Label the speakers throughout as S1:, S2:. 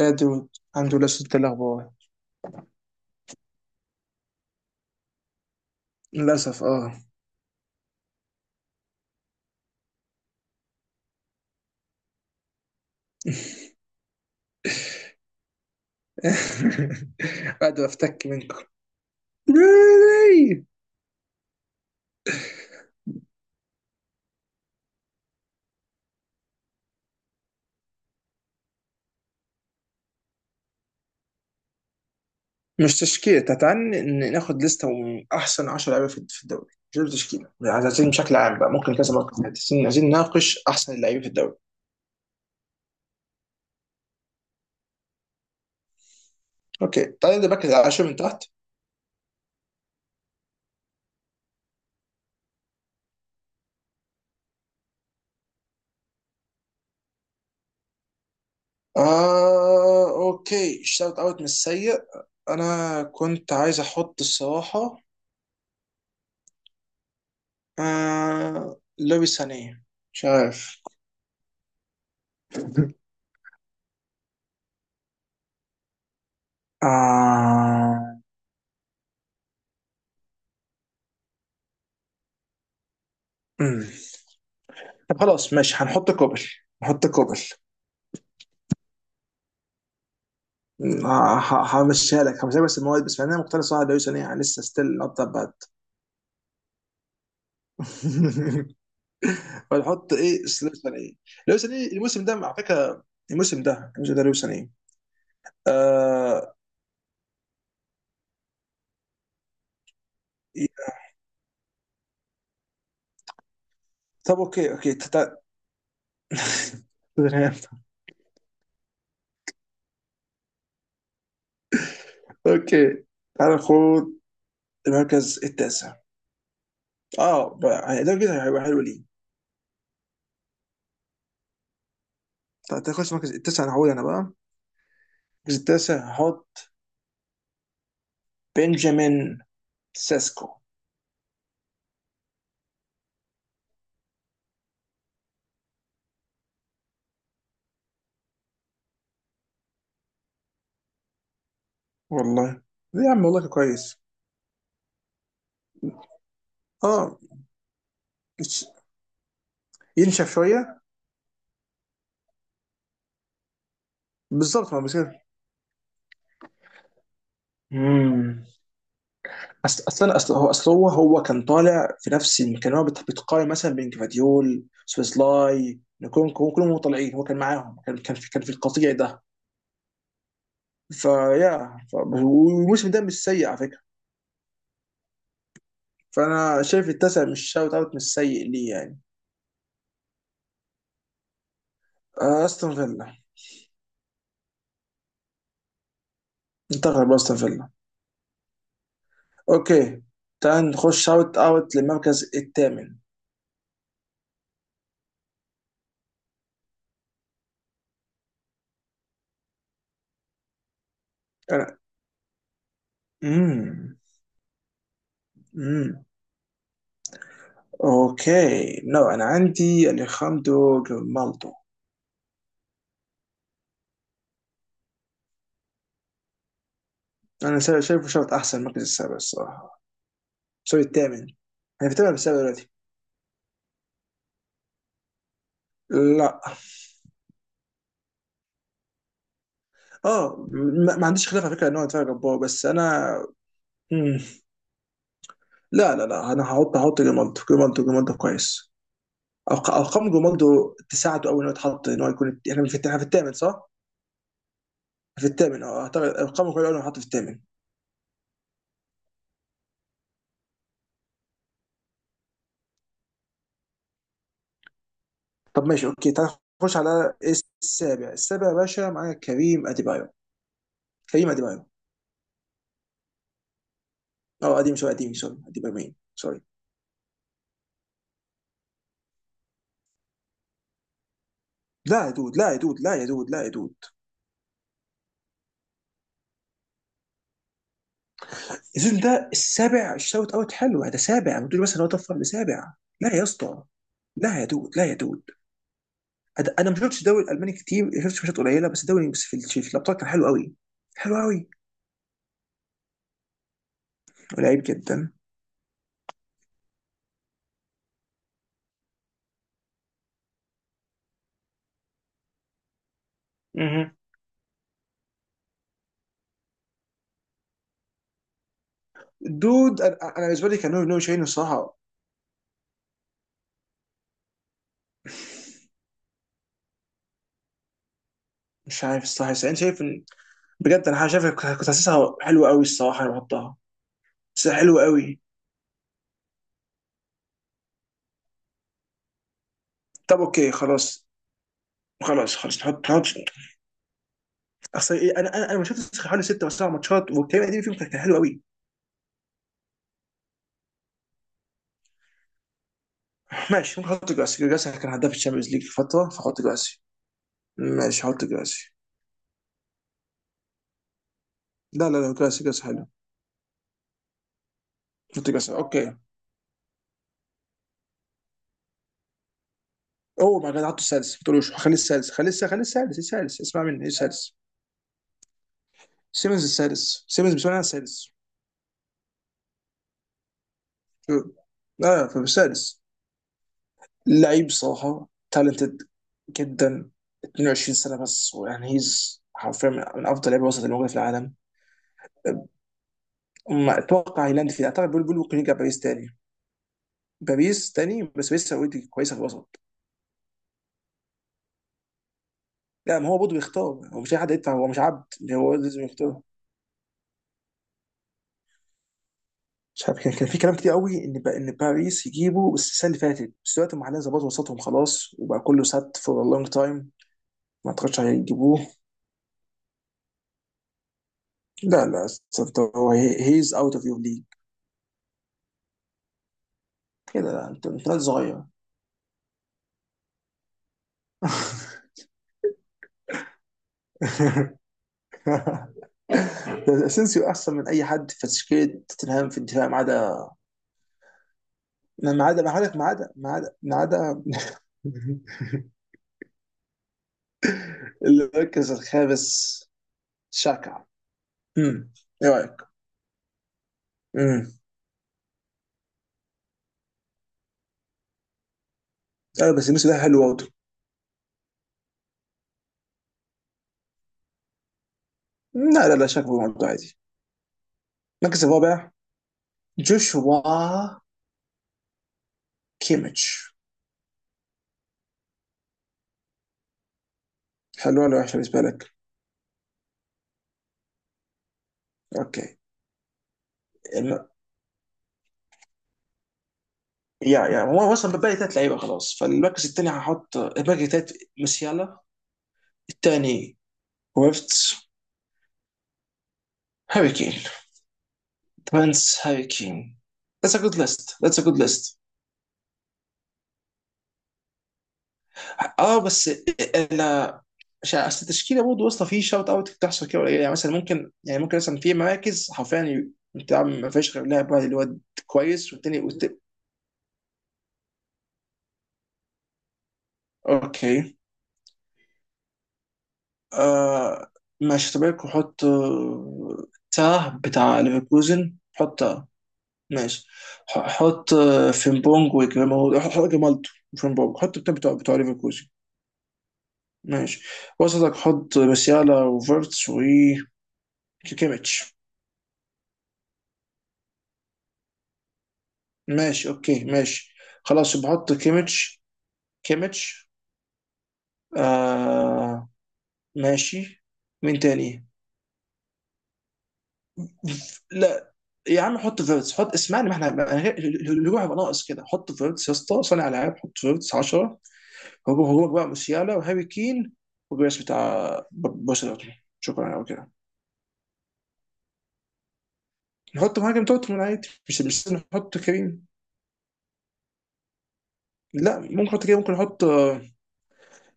S1: يا دود، الحمد لله صدت الأخبار. للأسف اه. قاعد أفتك منكم. ليه؟ مش تشكيلة، تعال ناخد لستة من أحسن 10 لعيبة في الدوري. مش لازم تشكيلة يعني، عايزين بشكل عام بقى، ممكن كذا مرة كمان. عايزين نناقش أحسن اللعيبة في الدوري. أوكي، تعال نبدا بقى، على شوف من تحت. آه أوكي، شوت أوت من السيء. أنا كنت عايز أحط الصراحة آه لويس سانيه، مش عارف. آه. مم. طب خلاص ماشي، هنحط كوبل. نحط كوبل. همشيها لك، همشيها، بس المواد بس، انا مقتنع صراحه لو يعني لسه ستيل نوت ذات باد. فنحط ايه؟ سلوسن ايه؟ لوسن ايه الموسم ده على فكره؟ الموسم ده لوسن ايه؟ آه. طب اوكي اوكي، تعال ناخد المركز التاسع. اه بقى يعني، ده كده هيبقى حلو ليه. طب تاخد المركز التاسع، انا هقول انا بقى. المركز التاسع هحط بنجامين سيسكو. والله ليه يا عم، والله كويس. اه، يتش- ينشف شويه. بالظبط، ما بس كده. امم، اصل اصل اصل هو اصل هو هو كان طالع في كان هو بتقارن مثلا بين كفاديول سويسلاي نكونكو، كلهم طالعين، هو كان معاهم، كان في كان في القطيع ده. والموسم ده مش سيء على فكره. فانا شايف التاسع، مش شاوت اوت مش سيء ليه يعني. آه، استون فيلا، انتقل باستون فيلا. اوكي، تعال نخش شاوت اوت للمركز الثامن. انا. مم. امم، اوكي نو، انا عندي اليخاندرو جريمالدو. انا شايفه شوط احسن المركز السابع الصراحه. سوري الثامن، انا في الثامن السابع دلوقتي. لا. اه، ما عنديش خلاف على فكره ان هو دفاع جبار، بس انا. مم. لا انا هحط جريمالدو. جريمالدو كويس. ارقام جريمالدو تساعده قوي ان هو يتحط، ان هو يكون، احنا في إحنا في الثامن صح؟ في الثامن، اه اعتقد ارقامه كويسه قوي انه يتحط في الثامن. طب ماشي اوكي، تعال نخش على السابع. السابع يا باشا معانا كريم اديبايو. كريم اديبايو. اه قديم شويه، قديم سوري، قديم يومين سوري. لا يا دود لا يا دود لا يا دود لا يا دود. السيزون ده السابع، الشوت اوت حلو هذا سابع، ما تقولي مثلا هو طفل لسابع. لا يا اسطى، لا يا دود. انا ما شفتش الدوري الالماني كتير، شفت ماتشات قليله بس الدوري، بس في في الابطال كان حلو قوي. حلو قوي ولعيب جدا. مهم. دود، أنا بالنسبه لي كان نو شاهين الصراحه. مش عارف الصراحه، بس انا شايف ان، بجد انا شايف كنت حاسسها حلوه قوي الصراحه، انا بحطها. بس حلوه قوي. طب اوكي خلاص نحط. اصل ايه، انا ما شفتش حوالي ست او سبع ماتشات، والكلام القديم فيهم، كان حلو قوي. ماشي، ممكن احط جراسي. جراسي كان هداف الشامبيونز ليج في فتره، فاحط جراسي. ماشي، هحط جراسي. لا جراسي، جراسي حلو. احط جراسي، اوكي. اوه ما جاد، حطه السادس، ما تقولوش، خليه السادس إيه السادس، اسمع مني ايه السادس. سيمنز السادس، سيمنز بالنسبه لي انا السادس. اه، فالسادس لعيب صراحه تالنتد جدا، 22 سنه بس، ويعني هيز حرفيا من افضل لعيبه وسط الموجوده في العالم. ما اتوقع هيلاند فيه، اعتقد بيقول ممكن يرجع باريس تاني. باريس تاني، بس باريس اوريدي كويسه في الوسط. لا، ما هو برضه بيختار، هو مش اي حد يدفع، هو مش عبد. هو لازم يختار. مش عارف، كان في كلام كتير قوي ان ان باريس يجيبوا بس السنه اللي فاتت، بس دلوقتي هم حاليا ظبطوا وسطهم خلاص، وبقى كله سات فور لونج تايم. ما اعتقدش هيجيبوه. لا لا، انت، هو هيز اوت اوف يور ليج كده. لا انت، انت راجل صغير. اسينسيو احسن من اي حد في تشكيله توتنهام في الدفاع، ما عدا، ما عدا ما عدا ما عدا ما عدا ما عدا. المركز الخامس شاكا، امم، ايه رايك؟ امم. لا، بس الموسم ده حلو برضه. لا شاكا برضه عادي. المركز الرابع جوشوا كيميتش. حلو ولا وحش بالنسبه لك؟ اوكي. الم... يا هو اصلا بقى لي ثلاث لعيبه خلاص، فالمركز الثاني هحط الباقي ثلاث. موسيالا الثاني، ويفتس. هاري كين، برنس هاري كين. That's a good list. That's a good list. اه بس انا مش عارف- اصل التشكيله برضه واسطه في شوت اوت، بتحصل كده قليل يعني، مثلا ممكن، يعني ممكن مثلا في مراكز حرفيا انت ما فيش غير لاعب واحد اللي هو كويس، والتاني اوكي. آه ماشي، طب لك حط آه، تاه بتاع ليفركوزن، حط تاه. ماشي. حط آه، فيمبونج وجمال، حط جمالتو وفيمبونج، حط بتاع بتاع ليفركوزن. ماشي. وسطك حط مسيالا وفيرتس وكيكيميتش. ماشي اوكي ماشي. خلاص يبقى حط كيميتش. كيميتش. آه ماشي. مين تاني؟ لا يا عم، حط فيرتس، حط اسمعني، ما احنا الهجوم هيبقى ناقص كده، حط فيرتس يا اسطى، صانع العاب، حط فيرتس 10. هجوم، هجومك بقى موسيالا وهاري كين وجريس بتاع بوسيا دورتموند، شكرا قوي كده. نحط مهاجم دورتموند عادي، مش لازم نحط كريم. لا ممكن نحط كريم، ممكن نحط آه،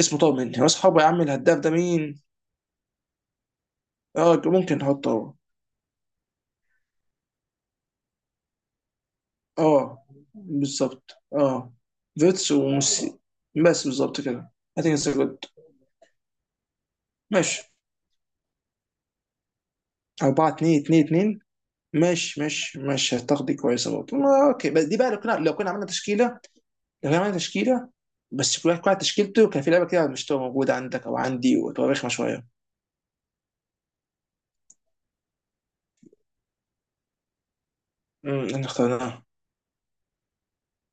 S1: اسمه طاب مني، هو اصحابه يا عم الهداف ده مين؟ اه ممكن نحطه هو. اه، بالظبط اه. فيتس وميسي، بس بالظبط كده. I think it's a good. ماشي. 4 2 2 2. ماشي هتاخدي كويسه برضه، اوكي. بس دي بقى لو كنا عملنا تشكيله. لو كنا عملنا تشكيله بس، كل واحد تشكيلته كان في لعبه كده، مش تبقى موجوده عندك او عندي، وتبقى رخمه شويه. امم، احنا اخترناها.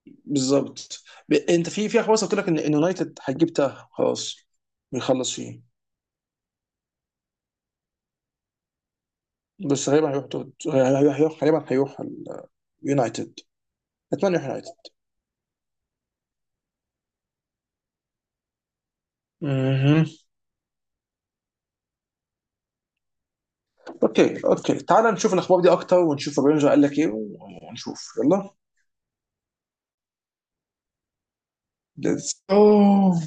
S1: بالظبط. انت في خلاص، قلت لك إن يونايتد هتجيب تاه خلاص، بيخلص فيه. بس غالبا هيروح تود- هيروح هيروح- غالبا يونايتد. اتمنى يونايتد. مهم. اوكي اوكي، تعال نشوف الاخبار دي اكتر، ونشوف الرينجر قال لك ايه، ونشوف. يلا، ليتس اوه.